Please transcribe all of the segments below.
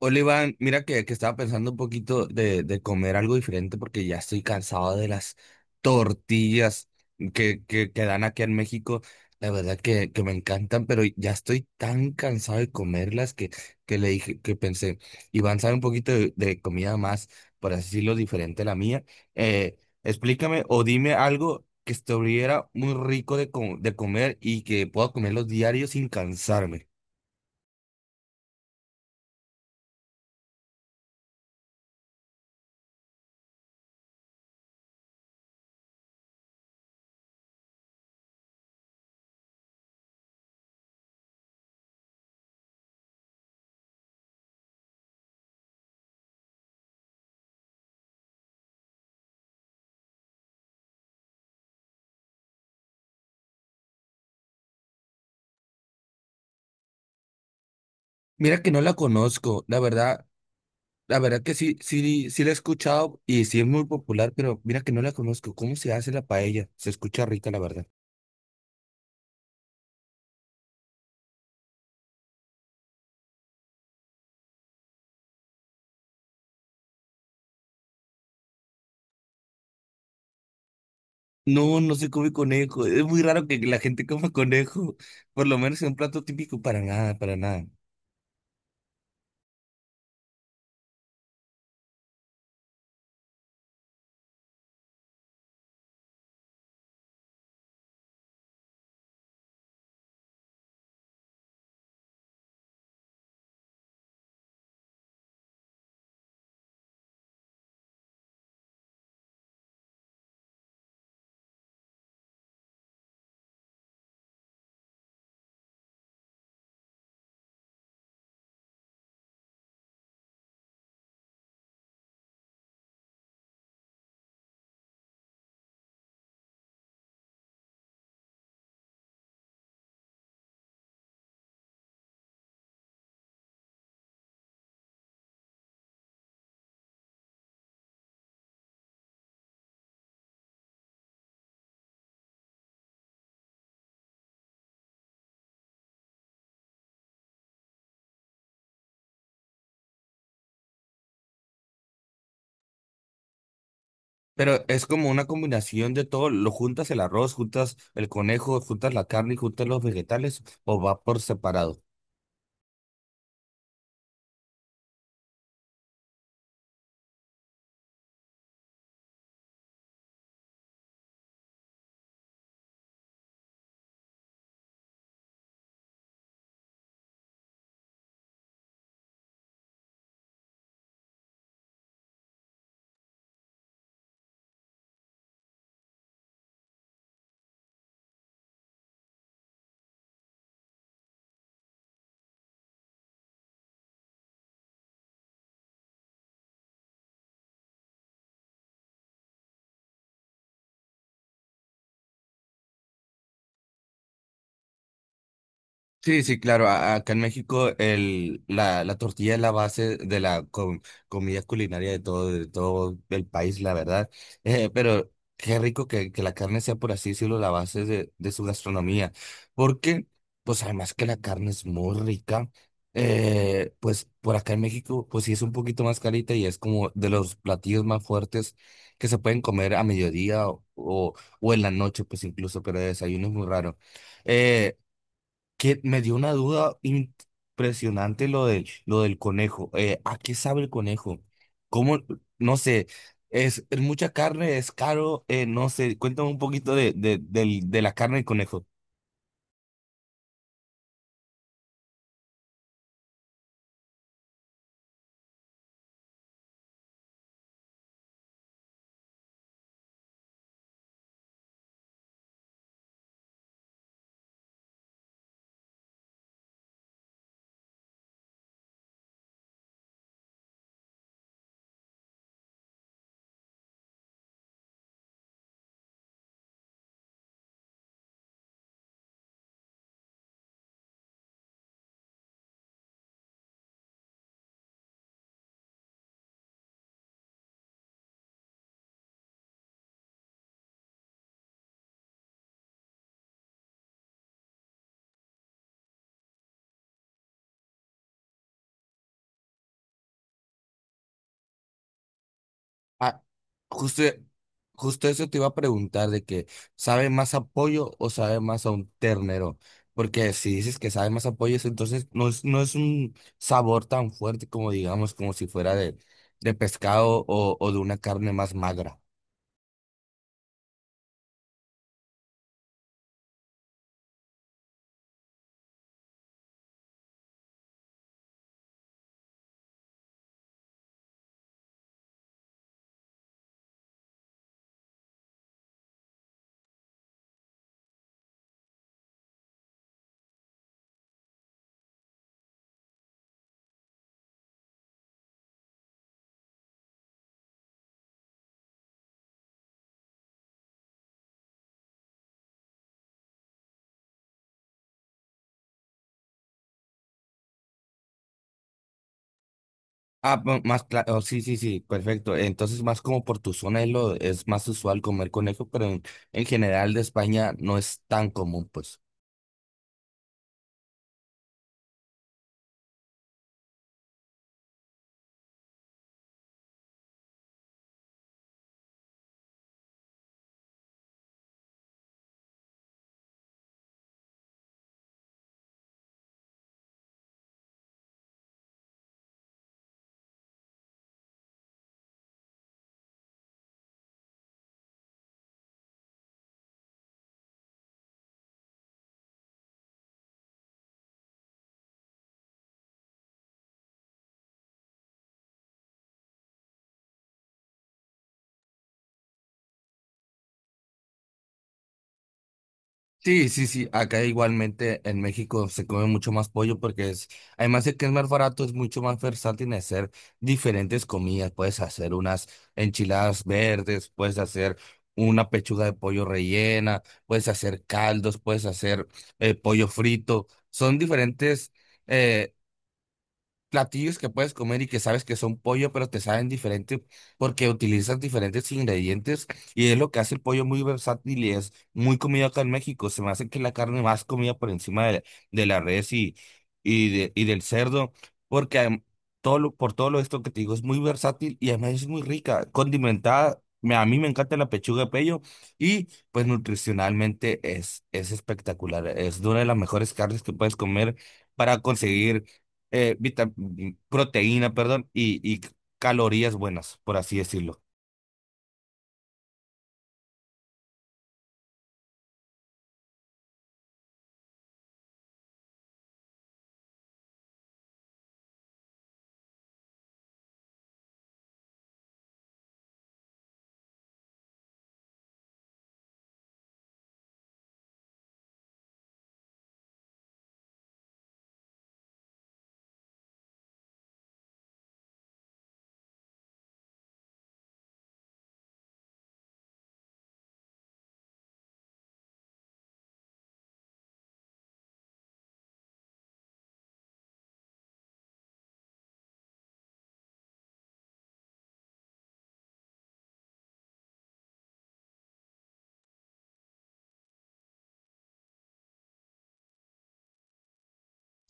Hola Iván, mira que estaba pensando un poquito de comer algo diferente porque ya estoy cansado de las tortillas que dan aquí en México. La verdad que me encantan, pero ya estoy tan cansado de comerlas que le dije, que pensé, Iván sabe un poquito de comida más, por así decirlo, diferente a la mía. Eh, Explícame o dime algo que estuviera muy rico de, de comer y que pueda comerlos diarios sin cansarme. Mira que no la conozco, la verdad. La verdad que sí, sí, sí la he escuchado y sí es muy popular, pero mira que no la conozco. ¿Cómo se hace la paella? Se escucha rica, la verdad. No, no se come conejo. Es muy raro que la gente coma conejo, por lo menos en un plato típico, para nada, para nada. Pero es como una combinación de todo. Lo juntas el arroz, juntas el conejo, juntas la carne y juntas los vegetales, o va por separado. Sí, sí, claro. Acá en México la tortilla es la base de la comida culinaria de todo el país, la verdad. Pero qué rico que la carne sea, por así decirlo, la base de su gastronomía. Porque, pues además que la carne es muy rica, pues por acá en México, pues sí es un poquito más carita y es como de los platillos más fuertes que se pueden comer a mediodía o en la noche, pues incluso, pero de desayuno es muy raro. Eh, que me dio una duda impresionante lo del conejo. ¿A qué sabe el conejo? ¿Cómo? No sé, es mucha carne, es caro, no sé, cuéntame un poquito de la carne del conejo. Ah, justo, justo eso te iba a preguntar, de que ¿sabe más a pollo o sabe más a un ternero? Porque si dices que sabe más a pollo, eso entonces no no es un sabor tan fuerte como digamos, como si fuera de pescado o de una carne más magra. Ah, más claro, sí, sí, sí, perfecto. Entonces, más como por tu zona es más usual comer conejo, pero en general de España no es tan común, pues. Sí, sí, sí, acá igualmente en México se come mucho más pollo porque es, además de que es más barato, es mucho más versátil en hacer diferentes comidas. Puedes hacer unas enchiladas verdes, puedes hacer una pechuga de pollo rellena, puedes hacer caldos, puedes hacer pollo frito. Son diferentes. eh, Platillos que puedes comer y que sabes que son pollo, pero te saben diferente porque utilizas diferentes ingredientes y es lo que hace el pollo muy versátil y es muy comido acá en México. Se me hace que la carne más comida por encima de la res y del cerdo, porque por todo lo esto que te digo es muy versátil y además es muy rica, condimentada. A mí me encanta la pechuga de pollo y pues nutricionalmente es espectacular. Es una de las mejores carnes que puedes comer para conseguir eh, vita- proteína, perdón, y calorías buenas, por así decirlo.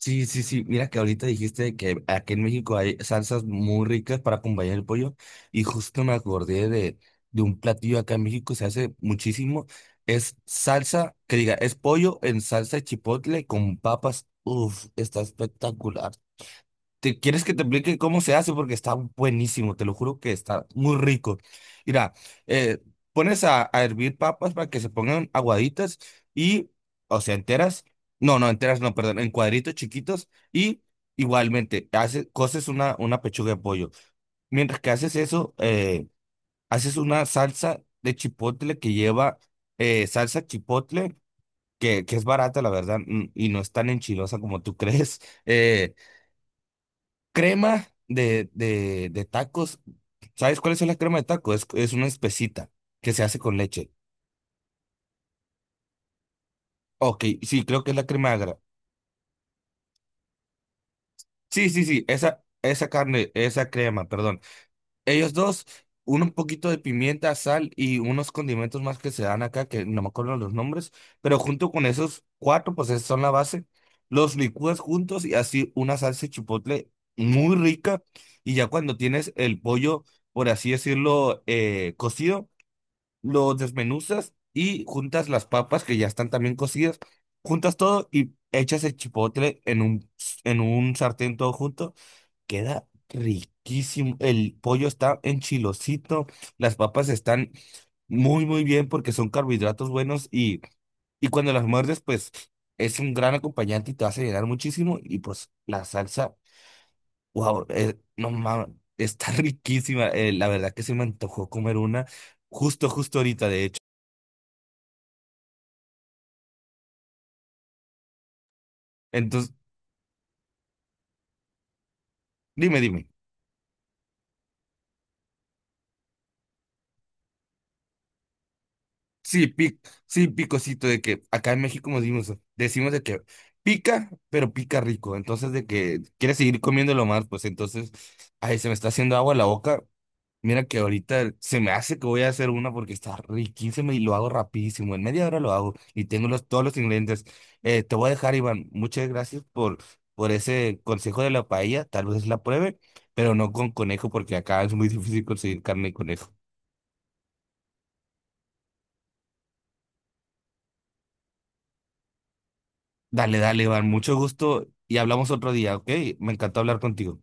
Sí, sí, sí. Mira que ahorita dijiste que aquí en México hay salsas muy ricas para acompañar el pollo y justo me acordé de un platillo acá en México, se hace muchísimo. Es salsa, que diga, es pollo en salsa de chipotle con papas. Uf, está espectacular. ¿Te quieres que te explique cómo se hace? Porque está buenísimo, te lo juro que está muy rico. Mira, eh, pones a hervir papas para que se pongan aguaditas y, o sea, enteras. No, no, enteras, no, perdón, en cuadritos chiquitos y igualmente haces, coces una pechuga de pollo. Mientras que haces eso, haces una salsa de chipotle que lleva salsa chipotle, que es barata, la verdad, y no es tan enchilosa como tú crees. Eh, Crema de, de tacos. ¿Sabes cuál es la crema de tacos? Es una espesita que se hace con leche. Ok, sí, creo que es la crema agra. Sí, sí, sí, esa carne, esa crema, perdón. Ellos dos, uno un poquito de pimienta, sal y unos condimentos más que se dan acá, que no me acuerdo los nombres, pero junto con esos cuatro, pues esos son la base. Los licúas juntos y así una salsa de chipotle muy rica. Y ya cuando tienes el pollo, por así decirlo, cocido, lo desmenuzas y juntas las papas que ya están también cocidas, juntas todo y echas el chipotle en un sartén todo junto. Queda riquísimo. El pollo está enchilosito, las papas están muy, muy bien porque son carbohidratos buenos y cuando las muerdes, pues es un gran acompañante y te vas a llenar muchísimo. Y pues la salsa, wow, no mames, está riquísima. La verdad que se me antojó comer una justo, justo ahorita, de hecho. Entonces, dime, dime. Sí, sí, picosito de que acá en México decimos de que pica, pero pica rico. Entonces, de que quieres seguir comiéndolo más, pues entonces, ay, se me está haciendo agua la boca. Mira que ahorita se me hace que voy a hacer una porque está riquísima y lo hago rapidísimo. En media hora lo hago y tengo todos los ingredientes. Te voy a dejar, Iván. Muchas gracias por ese consejo de la paella. Tal vez la pruebe, pero no con conejo porque acá es muy difícil conseguir carne y conejo. Dale, dale, Iván, mucho gusto y hablamos otro día, ¿ok? Me encantó hablar contigo.